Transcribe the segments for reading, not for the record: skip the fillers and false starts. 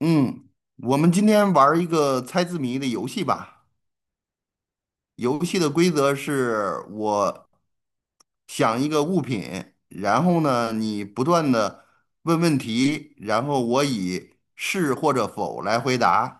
嗯，我们今天玩儿一个猜字谜的游戏吧。游戏的规则是我想一个物品，然后呢，你不断的问问题，然后我以是或者否来回答。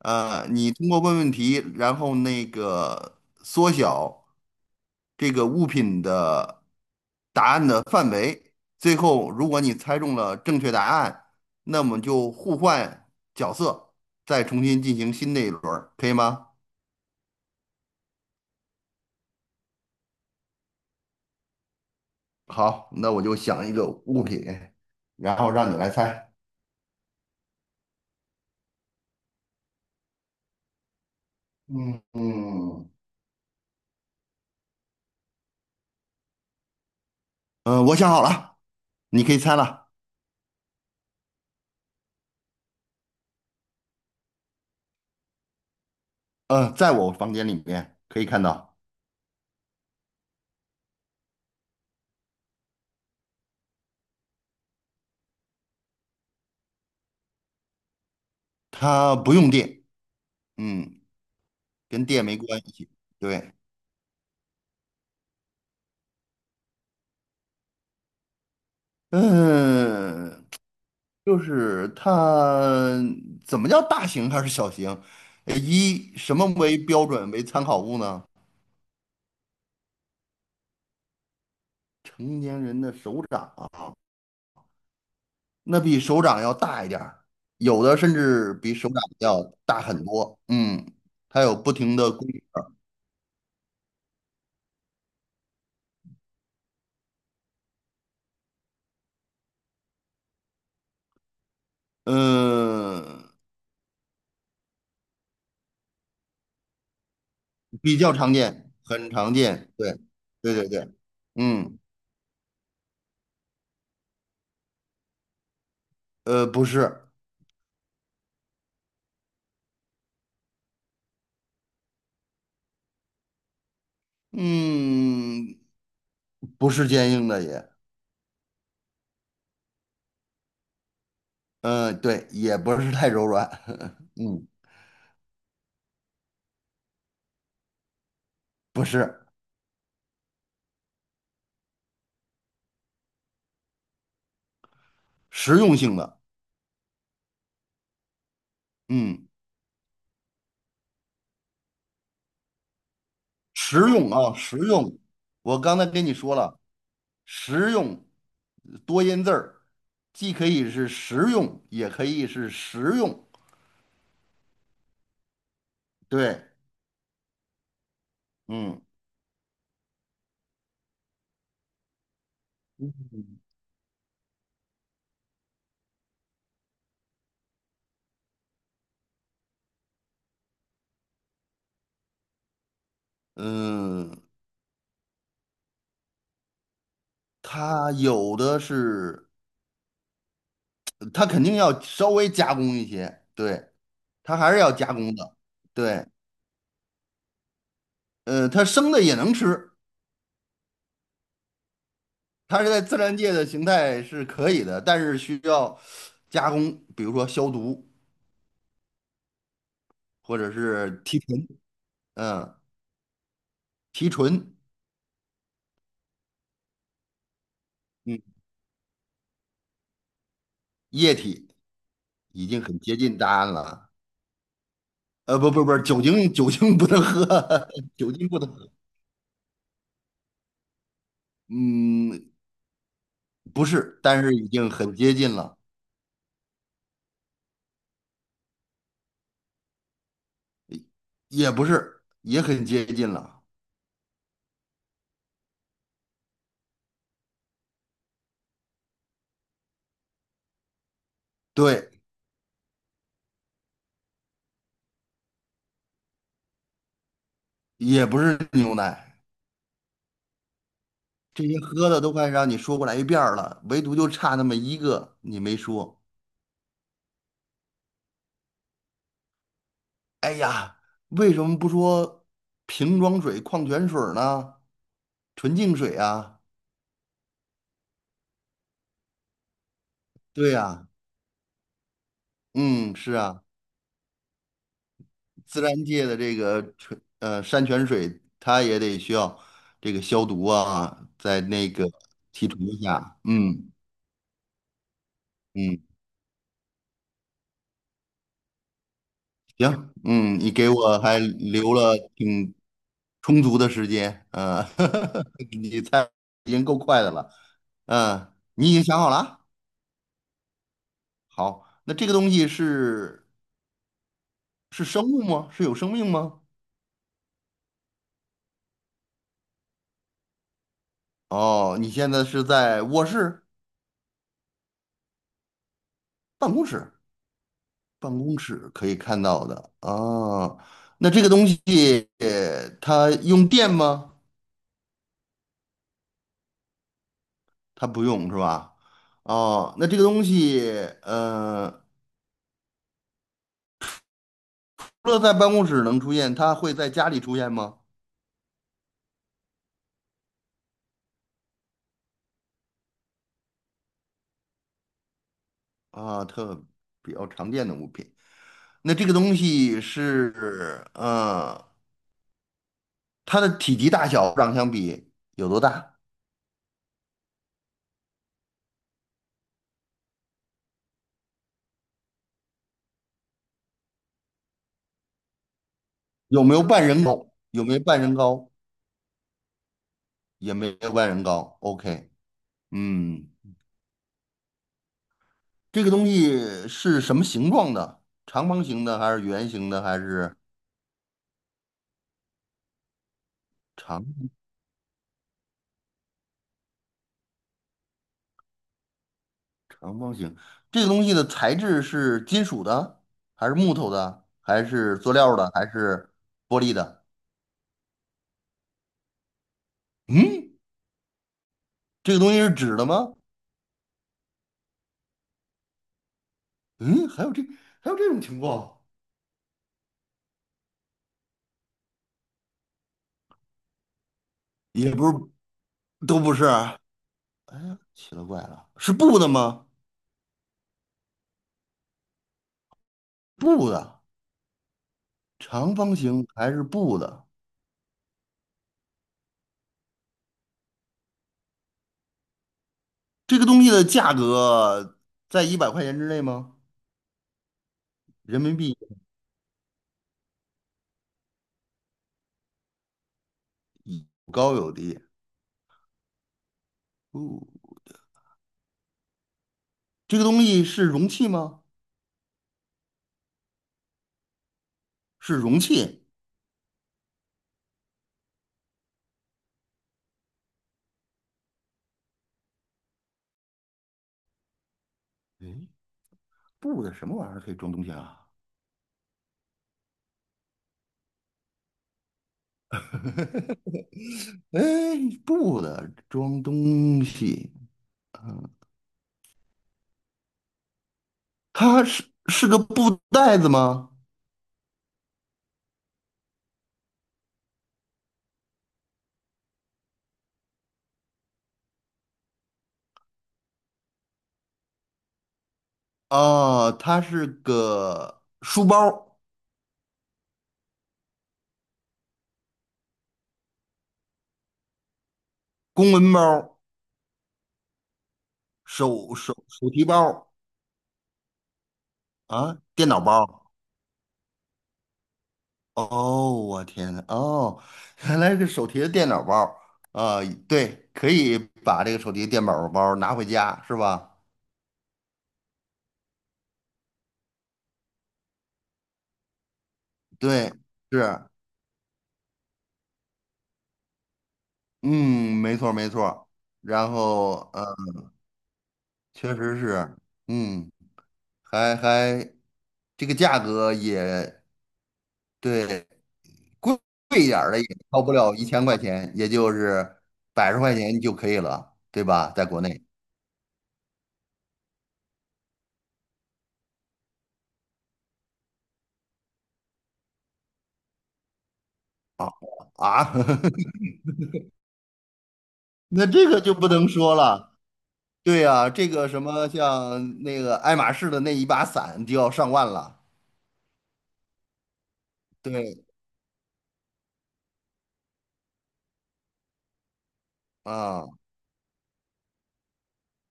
你通过问问题，然后那个缩小这个物品的答案的范围。最后，如果你猜中了正确答案，那么就互换角色，再重新进行新的一轮儿可以吗？好，那我就想一个物品，然后让你来猜。嗯嗯，嗯，我想好了，你可以猜了。在我房间里面可以看到，它不用电。嗯。跟电没关系。对，嗯，就是它怎么叫大型还是小型？以什么为标准为参考物呢？成年人的手掌啊，那比手掌要大一点儿，有的甚至比手掌要大很多。嗯，它有不停的规格儿嗯，比较常见，很常见。对，对对对，嗯，不是，嗯，不是坚硬的也。嗯，对，也不是太柔软，嗯，不是实用性的，嗯，实用啊，实用。我刚才跟你说了，实用多音字儿，既可以是实用，也可以是实用。对，嗯嗯，它有的是，它肯定要稍微加工一些，对，它还是要加工的，对，它生的也能吃，它是在自然界的形态是可以的，但是需要加工，比如说消毒或者是提纯，嗯提纯嗯，液体，已经很接近答案了。不不不，酒精酒精不能喝，酒精不能喝。嗯，不是，但是已经很接近了，也不是，也很接近了。对，也不是牛奶，这些喝的都快让你说过来一遍儿了，唯独就差那么一个你没说。哎呀，为什么不说瓶装水、矿泉水儿呢？纯净水啊，对呀，嗯，是啊，自然界的这个纯山泉水，它也得需要这个消毒啊，在那个提纯一下，嗯嗯，行，嗯，你给我还留了挺充足的时间，你猜已经够快的了，你已经想好了啊？好，那这个东西是。是生物吗？是有生命吗？哦，你现在是在卧室、办公室，办公室可以看到的啊。那这个东西它用电吗？它不用是吧？哦，那这个东西呃，除了在办公室能出现，它会在家里出现吗？啊，特比较常见的物品。那这个东西它的体积大小上相比有多大？有没有半人高？有没有半人高？也没有半人高。OK,嗯，这个东西是什么形状的？长方形的还是圆形的？还是长长方形？这个东西的材质是金属的，还是木头的，还是塑料的，还是玻璃的？嗯，这个东西是纸的吗？嗯，还有这还有这种情况，也不是都不是啊奇了怪了，是布的吗？布的，长方形还是布的？这个东西的价格在100块钱之内吗？人民币有高有低。哦，这个东西是容器吗？是容器。诶，布的什么玩意儿可以装东西啊？哎，布的装东西，它是个布袋子吗？啊，它是个书包、公文包、手提包啊，电脑包。哦，我天呐，哦，原来是个手提的电脑包儿啊，对，可以把这个手提电脑包儿拿回家，是吧？对，是，嗯，没错儿没错儿然后，确实是，嗯，还这个价格也对，贵贵一点儿的也超不了1000块钱，也就是百十块钱就可以了，对吧？在国内啊啊，那这个就不能说了。对啊，这个什么像那个爱马仕的那一把伞就要上万了。对，啊，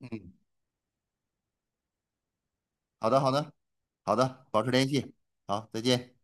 嗯，好的，好的，好的，保持联系，好，再见。